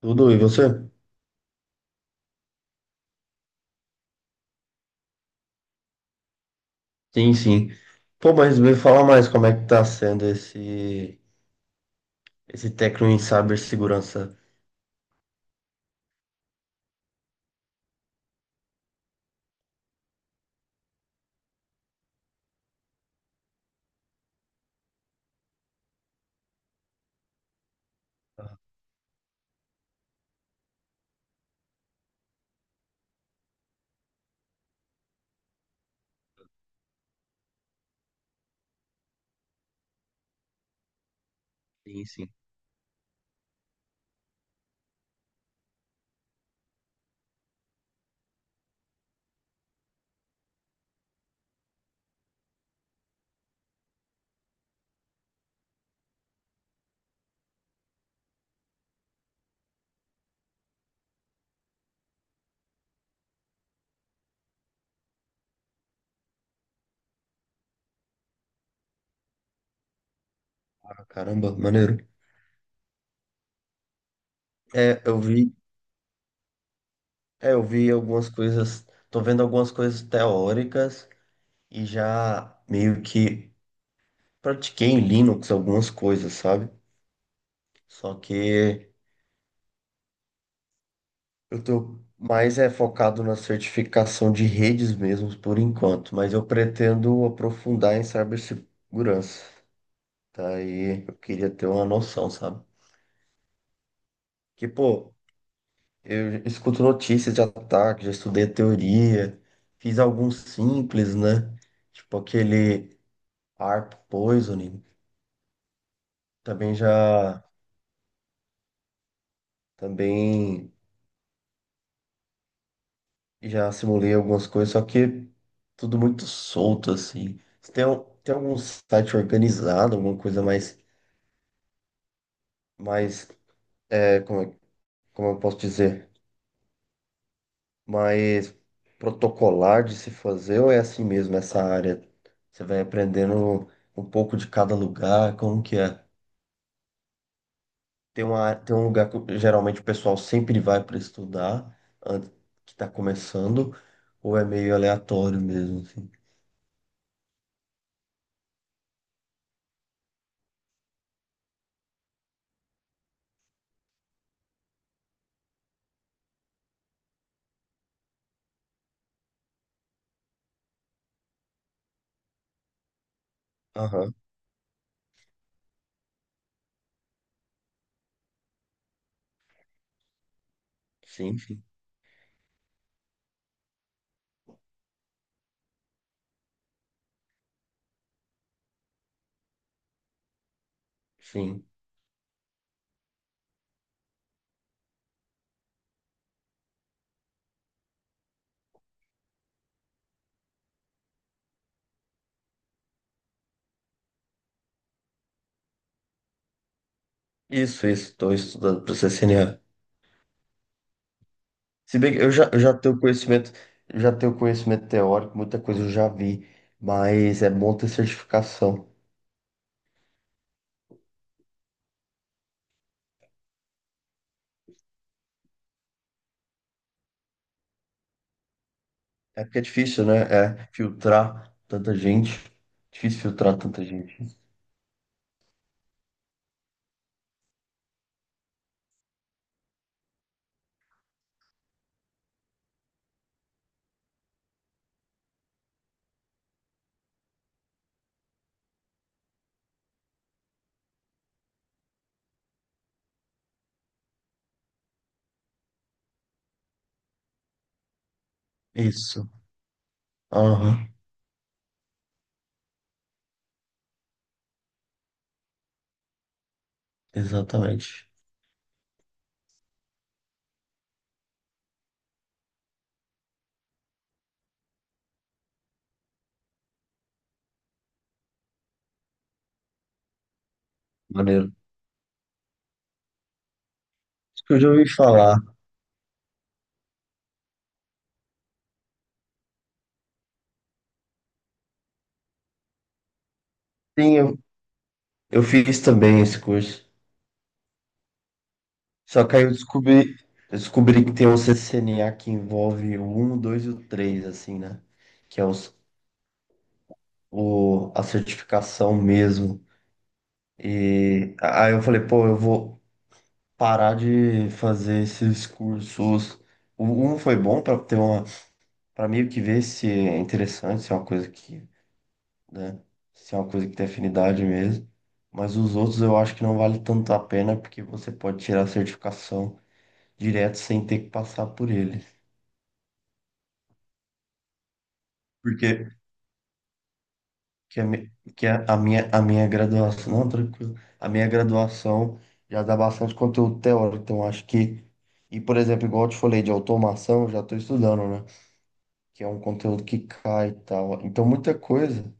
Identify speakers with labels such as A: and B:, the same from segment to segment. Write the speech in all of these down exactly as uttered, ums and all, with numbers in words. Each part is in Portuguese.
A: Tudo, e você? Sim, sim. Pô, mas me fala mais como é que tá sendo esse, esse técnico em cibersegurança. Ah. Sim, sim. Ah, caramba, maneiro. É, eu vi, é, eu vi algumas coisas, tô vendo algumas coisas teóricas e já meio que pratiquei em Linux algumas coisas, sabe? Só que eu tô mais é focado na certificação de redes mesmo por enquanto, mas eu pretendo aprofundar em cibersegurança. Daí eu queria ter uma noção, sabe? Que, pô, eu escuto notícias de ataque, já estudei teoria, fiz alguns simples, né? Tipo aquele A R P poisoning. Também já, também já simulei algumas coisas, só que tudo muito solto, assim. Se Tem, al- tem algum site organizado, alguma coisa mais, mais, é, como, é- como eu posso dizer? Mais protocolar de se fazer ou é assim mesmo essa área? Você vai aprendendo um pouco de cada lugar, como que é? Tem uma, tem um lugar que geralmente o pessoal sempre vai para estudar, antes que está começando, ou é meio aleatório mesmo, assim? Aham. Sim, sim, sim. Isso, isso, estou estudando para C C N A. Se bem que eu já, eu já tenho conhecimento, já tenho conhecimento teórico, muita coisa eu já vi, mas é bom ter certificação. É porque é difícil, né? É filtrar tanta gente. Difícil filtrar tanta gente. Isso. Aham, exatamente. Maneiro. Isso que eu já ouvi falar. Sim, eu, eu fiz também esse curso. Só que aí eu descobri, eu descobri que tem um C C N A que envolve o um, o dois e o três, assim, né? Que é os, o, a certificação mesmo. E aí eu falei, pô, eu vou parar de fazer esses cursos. O um foi bom para ter uma para meio que ver se é interessante, se é uma coisa que, né, se é uma coisa que tem afinidade mesmo. Mas os outros eu acho que não vale tanto a pena porque você pode tirar a certificação direto sem ter que passar por eles. Porque que a, mi- que a, a minha a minha graduação, não, tranquilo. A minha graduação já dá bastante conteúdo teórico, então acho que, e, por exemplo, igual eu te falei de automação, eu já estou estudando, né? Que é um conteúdo que cai e tal. Então muita coisa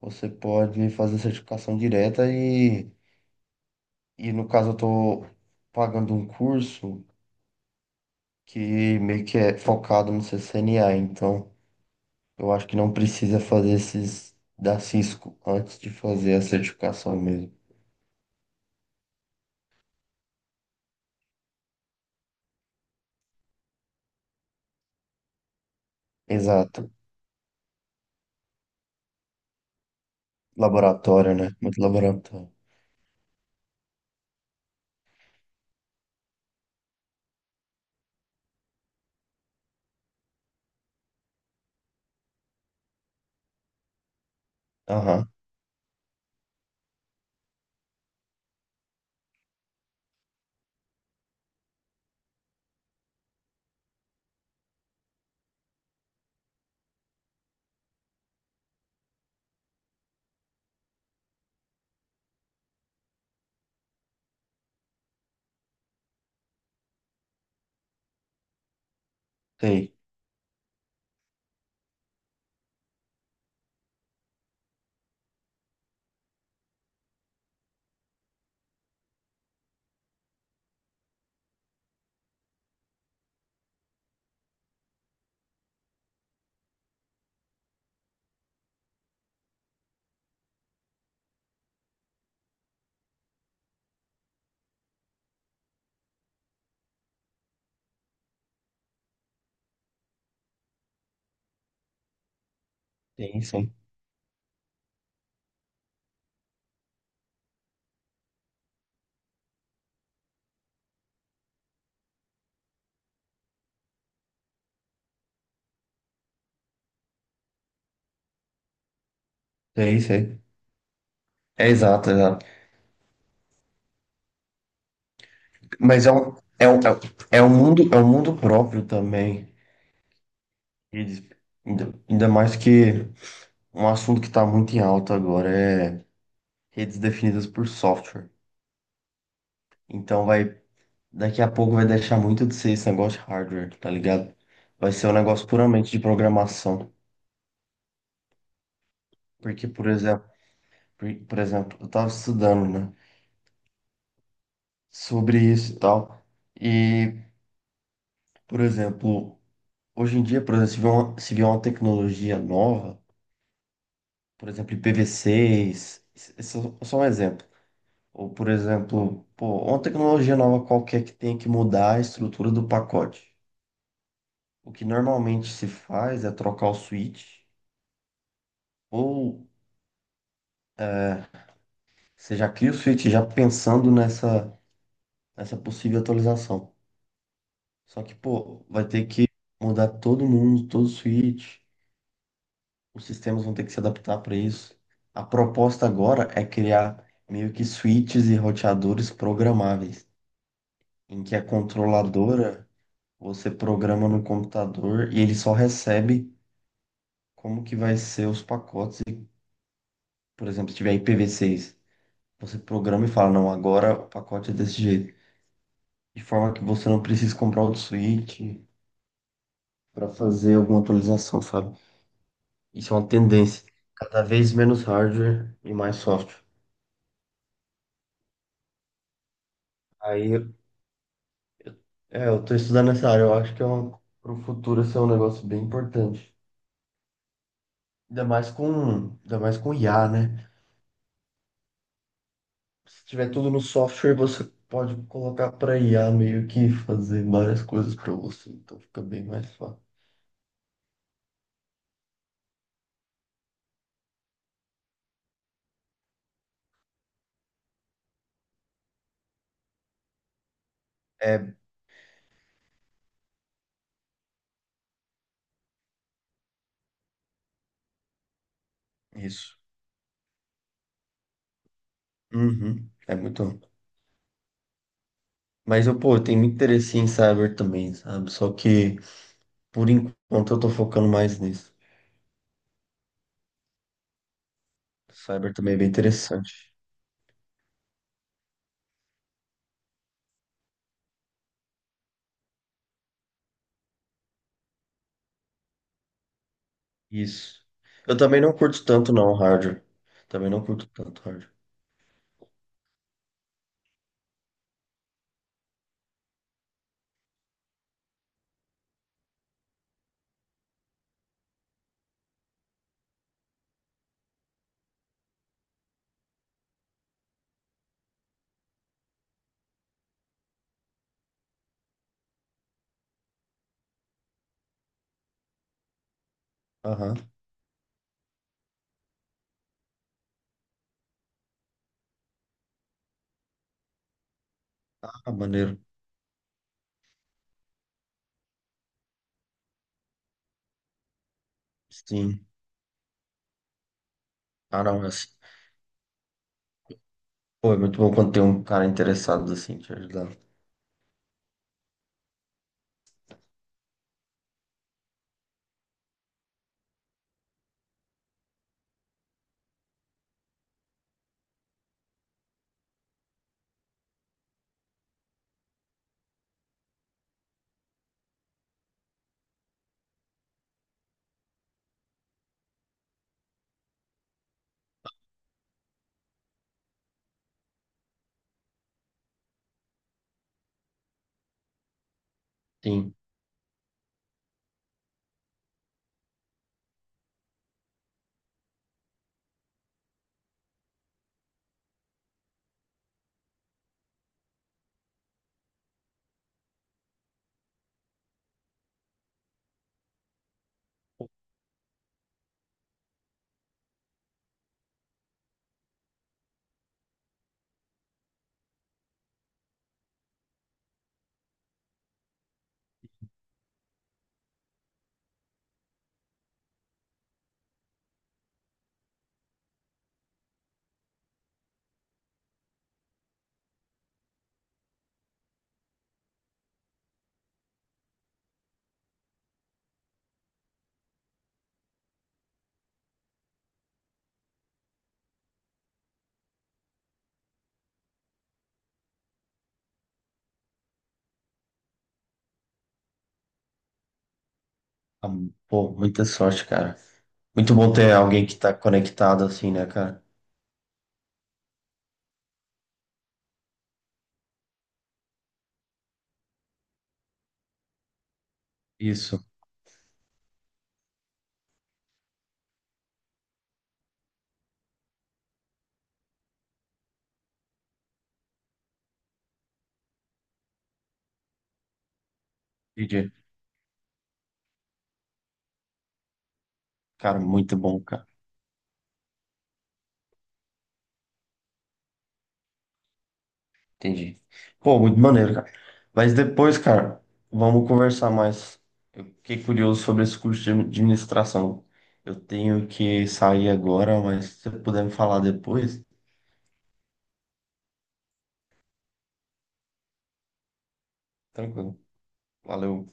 A: você pode fazer certificação direta e e no caso eu tô pagando um curso que meio que é focado no C C N A, então eu acho que não precisa fazer esses da Cisco antes de fazer a certificação mesmo. Exato. Laboratório, né? Muito laboratório. Aham, sei. Sim, sim. Sei, sei. É exato, exato. Mas é um, é um, é um mundo, é um mundo próprio também. Redes. Ainda, ainda mais que um assunto que está muito em alta agora é redes definidas por software. Então vai, daqui a pouco vai deixar muito de ser esse negócio de hardware, tá ligado? Vai ser um negócio puramente de programação. Porque, por exemplo, por, por exemplo, eu tava estudando, né, sobre isso e tal. E, por exemplo, hoje em dia, por exemplo, se vier uma, se vier uma tecnologia nova, por exemplo, I P V seis, isso isso é só um exemplo. Ou, por exemplo, pô, uma tecnologia nova qualquer que tenha que mudar a estrutura do pacote. O que normalmente se faz é trocar o switch ou É, você já cria o switch já pensando nessa, nessa possível atualização. Só que, pô, vai ter que mudar todo mundo, todo o switch. Os sistemas vão ter que se adaptar para isso. A proposta agora é criar meio que switches e roteadores programáveis, em que a controladora você programa no computador e ele só recebe como que vai ser os pacotes. E, por exemplo, se tiver I P V seis, você programa e fala, não, agora o pacote é desse jeito. De forma que você não precisa comprar outro switch para fazer alguma atualização, sabe? Isso é uma tendência. Cada vez menos hardware e mais software. Aí, é, eu tô estudando essa área. Eu acho que é um, pro futuro isso é um negócio bem importante. Ainda mais com, ainda mais com I A, né? Se tiver tudo no software, você pode colocar para I A meio que fazer várias coisas para você. Então fica bem mais fácil. É isso. Uhum. É muito. Mas eu, pô, eu tenho muito interesse em cyber também, sabe? Só que por enquanto eu tô focando mais nisso. Cyber também é bem interessante. Isso. Eu também não curto tanto não, hardware. Também não curto tanto hardware. Aham. Ah, maneiro. Sim. Ah, não, é assim. Pô, é muito bom quando tem um cara interessado assim te ajudar. Sim. Ah, pô, muita sorte, cara. Muito bom ter alguém que tá conectado assim, né, cara? Isso. D J. Cara, muito bom, cara. Entendi. Pô, muito maneiro, cara. Mas depois, cara, vamos conversar mais. Eu fiquei curioso sobre esse curso de administração. Eu tenho que sair agora, mas se você puder me falar depois, tranquilo. Valeu.